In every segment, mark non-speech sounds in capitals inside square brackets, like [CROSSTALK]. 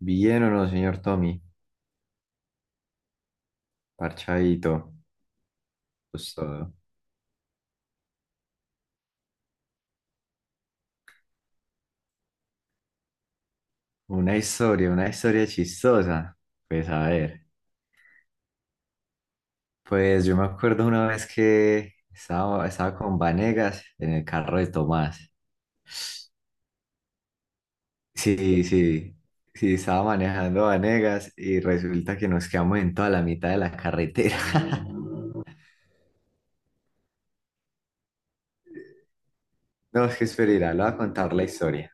Bien o no, señor Tommy, parchadito, pues todo. Una historia chistosa. Pues a ver, pues yo me acuerdo una vez que estaba con Vanegas en el carro de Tomás. Sí, sí, sí, estaba manejando Vanegas y resulta que nos quedamos en toda la mitad de la carretera. [LAUGHS] No, es que esperará, le voy a contar la historia.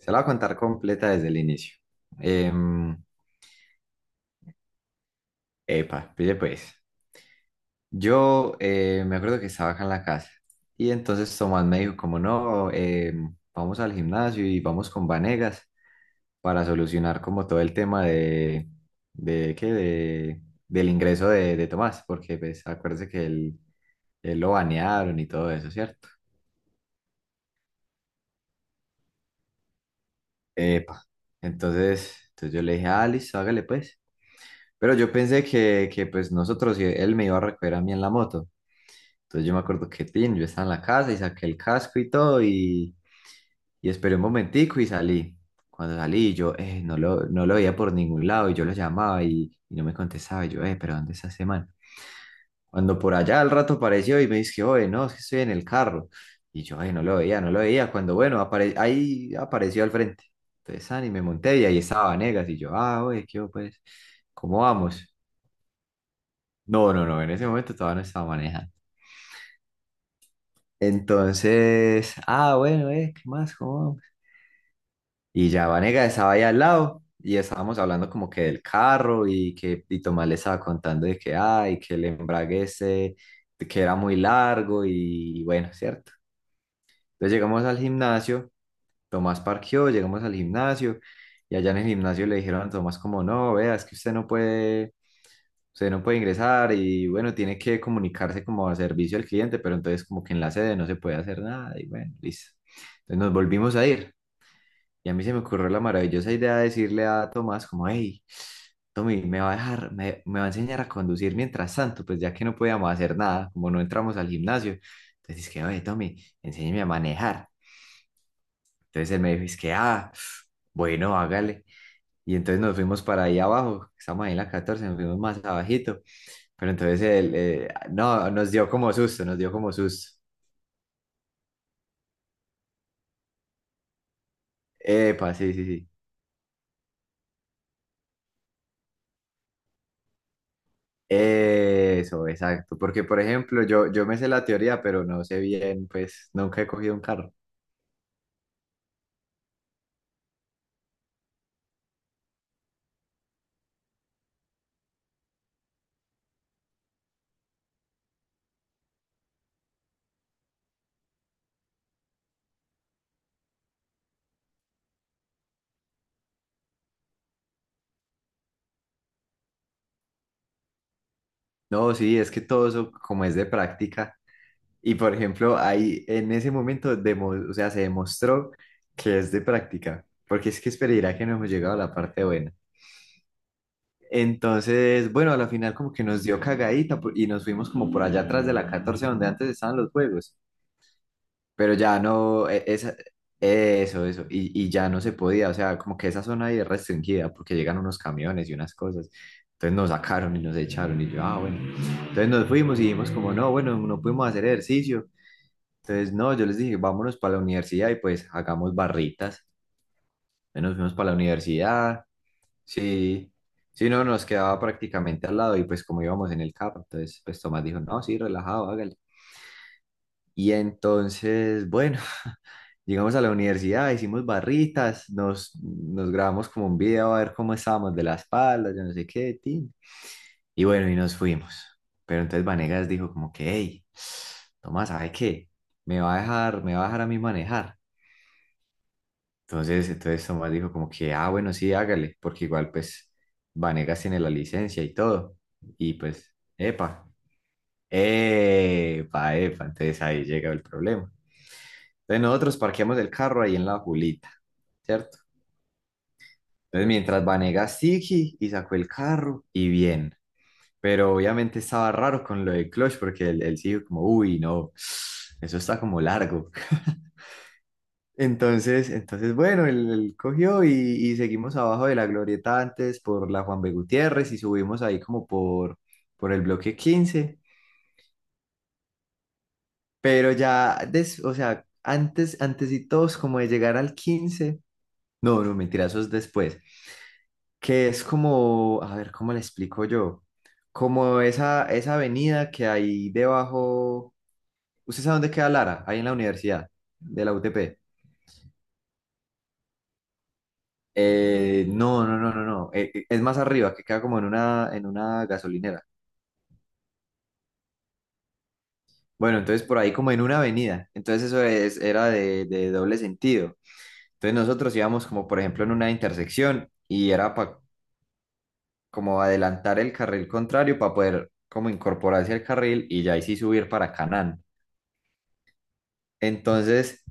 Se la voy a contar completa desde el inicio. Em, Epa, pille pues. Yo me acuerdo que estaba acá en la casa y entonces Tomás me dijo como no, vamos al gimnasio y vamos con Vanegas para solucionar como todo el tema de ¿qué? Del ingreso de Tomás, porque pues acuérdese que él lo banearon y todo eso, ¿cierto? Epa. Entonces yo le dije, ah, listo, hágale pues. Pero yo pensé que pues nosotros, y él me iba a recoger a mí en la moto. Entonces yo me acuerdo que, tin, yo estaba en la casa y saqué el casco y todo y... Y esperé un momentico y salí. Cuando salí, yo no lo veía por ningún lado y yo lo llamaba y no me contestaba. Y yo, pero ¿dónde está ese man? Cuando por allá al rato apareció y me dice, oye, no, es que estoy en el carro. Y yo, no lo veía. Cuando, bueno, ahí apareció al frente. Entonces, ah, y me monté y ahí estaba Vanegas. Y yo, ah, oye, ¿qué hubo, pues? ¿Cómo vamos? No, no, no, en ese momento todavía no estaba manejando. Entonces, ah, bueno, ¿qué más? ¿Cómo vamos? Y ya Vanega estaba ahí al lado y estábamos hablando como que del carro y Tomás le estaba contando de que ay, que el embrague ese, que era muy largo y, bueno, cierto. Entonces llegamos al gimnasio, Tomás parqueó, llegamos al gimnasio y allá en el gimnasio le dijeron a Tomás como no, vea, es que usted no puede ingresar y bueno, tiene que comunicarse como a servicio al cliente, pero entonces como que en la sede no se puede hacer nada y bueno, listo. Entonces nos volvimos a ir. Y a mí se me ocurrió la maravillosa idea de decirle a Tomás como, hey, Tommy, me va a enseñar a conducir mientras tanto, pues ya que no podíamos hacer nada, como no entramos al gimnasio. Entonces es que, oye, Tommy, enséñame a manejar. Entonces él me dijo, es que, ah, bueno, hágale. Y entonces nos fuimos para ahí abajo, estamos ahí en la 14 nos fuimos más abajito. Pero entonces no, nos dio como susto. Epa, sí, sí, sí. Eso, exacto. Porque, por ejemplo, yo me sé la teoría, pero no sé bien, pues nunca he cogido un carro. No, sí, es que todo eso como es de práctica. Y, por ejemplo, ahí en ese momento, o sea, se demostró que es de práctica. Porque es que esperaría que no hemos llegado a la parte buena. Entonces, bueno, a la final como que nos dio y nos fuimos como por allá atrás de la 14 donde antes estaban los juegos. Pero ya no, eso, eso, y ya no se podía, o sea, como que esa zona ahí es restringida porque llegan unos camiones y unas cosas. Entonces nos sacaron y nos echaron y yo, ah, bueno. Entonces nos fuimos y dijimos como, no, bueno, no pudimos hacer ejercicio. Entonces, no, yo les dije, vámonos para la universidad y pues hagamos barritas. Entonces nos fuimos para la universidad, sí, sí, no, nos quedaba prácticamente al lado y pues como íbamos en el carro, entonces pues Tomás dijo, no, sí, relajado, hágale. Y entonces, bueno, [LAUGHS] llegamos a la universidad, hicimos barritas, nos grabamos como un video a ver cómo estábamos de la espalda, yo no sé qué, tin. Y bueno, y nos fuimos. Pero entonces Vanegas dijo como que, hey, Tomás, ¿sabe qué? Me va a dejar a mí manejar. Entonces Tomás dijo como que, ah, bueno, sí, hágale, porque igual pues Vanegas tiene la licencia y todo. Y pues, epa, epa, entonces ahí llega el problema. Entonces nosotros parqueamos el carro ahí en la Julita, ¿cierto? Entonces mientras Vanegas Siki y sacó el carro y bien. Pero obviamente estaba raro con lo de clutch porque él sí dijo como, uy, no, eso está como largo. [LAUGHS] Entonces bueno, él cogió y seguimos abajo de la glorieta antes por la Juan B. Gutiérrez y subimos ahí como por el bloque 15. Pero ya, o sea, antes y todos como de llegar al 15, No, no, mentira, eso es después. Que es como, a ver, ¿cómo le explico yo? Como esa avenida que hay debajo, ¿usted sabe dónde queda Lara? Ahí en la universidad, de la UTP. No, no, no, no, no, es más arriba, que queda como en en una gasolinera. Bueno, entonces por ahí como en una avenida, entonces eso es, era de doble sentido. Entonces nosotros íbamos como por ejemplo en una intersección y era para como adelantar el carril contrario para poder como incorporarse al carril y ya ahí sí subir para Canán. Entonces,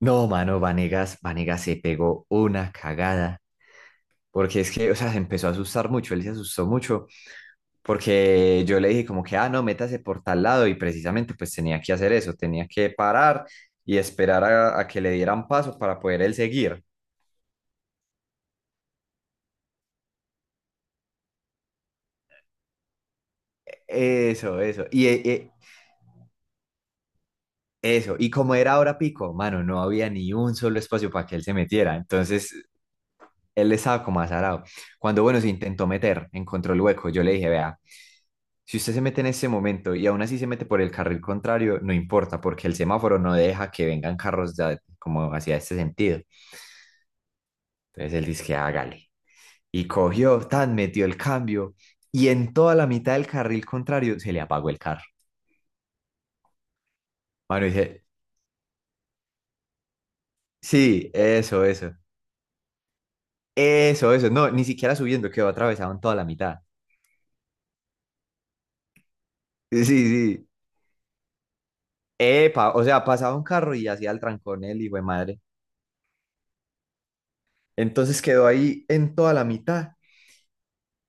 no, mano, Vanegas se pegó una cagada. Porque es que, o sea, se empezó a asustar mucho, él se asustó mucho, porque yo le dije como que, ah, no, métase por tal lado y precisamente pues tenía que hacer eso, tenía que parar y esperar a que le dieran paso para poder él seguir. Eso, eso, y como era hora pico, mano, no había ni un solo espacio para que él se metiera, entonces él estaba como azarado. Cuando, bueno, se intentó meter, encontró el hueco, yo le dije, vea, si usted se mete en ese momento y aún así se mete por el carril contrario, no importa, porque el semáforo no deja que vengan carros como hacia este sentido. Entonces él dice que hágale. Y cogió, tan, metió el cambio y en toda la mitad del carril contrario se le apagó el carro. Mano dice, sí, eso, eso, eso, eso. No, ni siquiera subiendo, quedó atravesado en toda la mitad. Sí, sí. Sí. Epa, o sea, pasaba un carro y hacía el trancón él, hijo de madre. Entonces quedó ahí en toda la mitad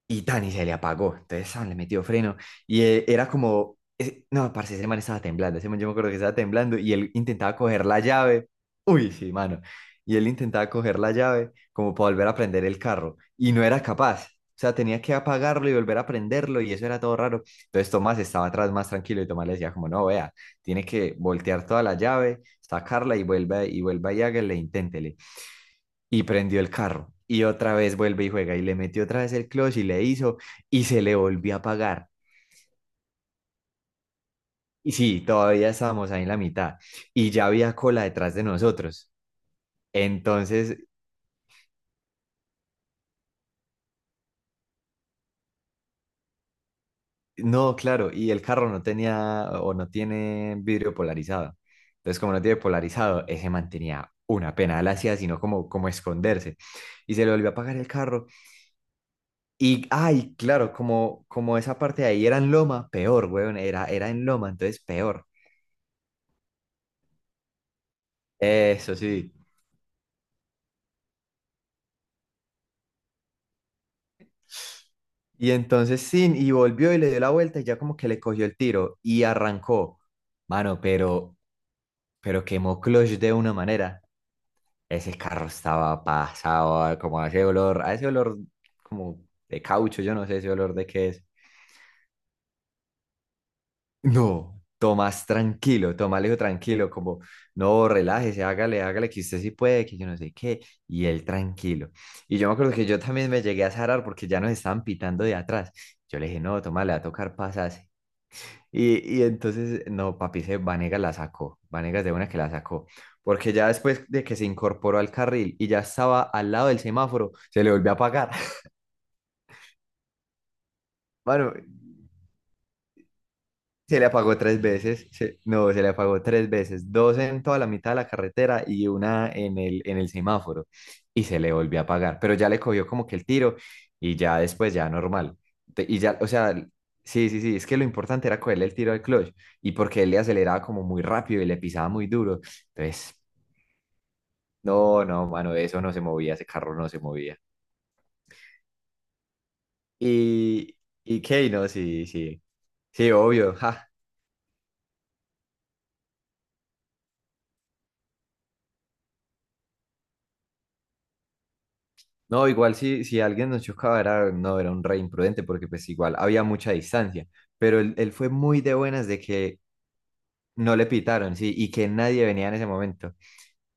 y Dani se le apagó. Entonces Sam le metió freno y no, parce, ese man yo me acuerdo que estaba temblando y él intentaba coger la llave. Uy, sí, mano. Y él intentaba coger la llave como para volver a prender el carro y no era capaz. O sea, tenía que apagarlo y volver a prenderlo y eso era todo raro. Entonces Tomás estaba atrás más tranquilo y Tomás le decía como, no, vea, tiene que voltear toda la llave, sacarla y vuelva y hágale, inténtele y prendió el carro. Y otra vez vuelve y juega y le metió otra vez el clutch y le hizo y se le volvió a apagar. Y sí, todavía estábamos ahí en la mitad y ya había cola detrás de nosotros. Entonces, no, claro, y el carro no tenía o no tiene vidrio polarizado. Entonces, como no tiene polarizado, ese mantenía una pena, él hacía sino como esconderse. Y se le volvió a apagar el carro. Y, ay, claro, como esa parte de ahí era en loma, peor, weón, era en loma, entonces peor. Eso sí. Y entonces sin, y volvió y le dio la vuelta y ya como que le cogió el tiro y arrancó. Mano, pero quemó clutch de una manera. Ese carro estaba pasado, como a ese olor como de caucho, yo no sé ese olor de qué es. No, Tomás, tranquilo, Tomás le dijo tranquilo, como, no, relájese, hágale, que usted sí puede, que yo no sé qué, y él tranquilo. Y yo me acuerdo que yo también me llegué a zarar porque ya nos estaban pitando de atrás. Yo le dije, no, Tomás, le va a tocar pasarse. Y entonces, no, papi, se Vanegas de una que la sacó, porque ya después de que se incorporó al carril y ya estaba al lado del semáforo, se le volvió a apagar. [LAUGHS] Bueno, se le apagó tres veces, no, se le apagó tres veces, dos en toda la mitad de la carretera y una en en el semáforo. Y se le volvió a apagar, pero ya le cogió como que el tiro y ya después ya normal. Te- Y ya, o sea, sí, sí, sí, es que lo importante era cogerle el tiro al clutch y porque él le aceleraba como muy rápido y le pisaba muy duro. Entonces, no, no, mano, eso no se movía, ese carro no se movía. Y, y qué, no, sí, sí, sí, obvio, ja. No, igual si alguien nos chocaba era, no, era un re imprudente porque pues igual había mucha distancia, pero él fue muy de buenas de que no le pitaron, sí, y que nadie venía en ese momento.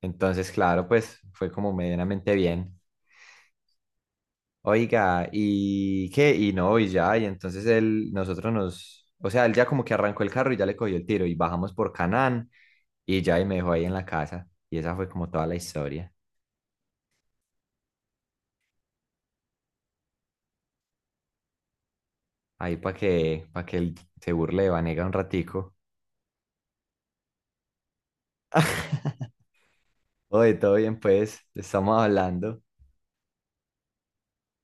Entonces, claro, pues fue como medianamente bien. Oiga, ¿y qué? Y no, y ya, y entonces él, nosotros nos, o sea, él ya como que arrancó el carro y ya le cogió el tiro y bajamos por Canán y ya y me dejó ahí en la casa. Y esa fue como toda la historia. Ahí para que él se burle de Vanega un ratico. [LAUGHS] Oye, todo bien, pues, estamos hablando.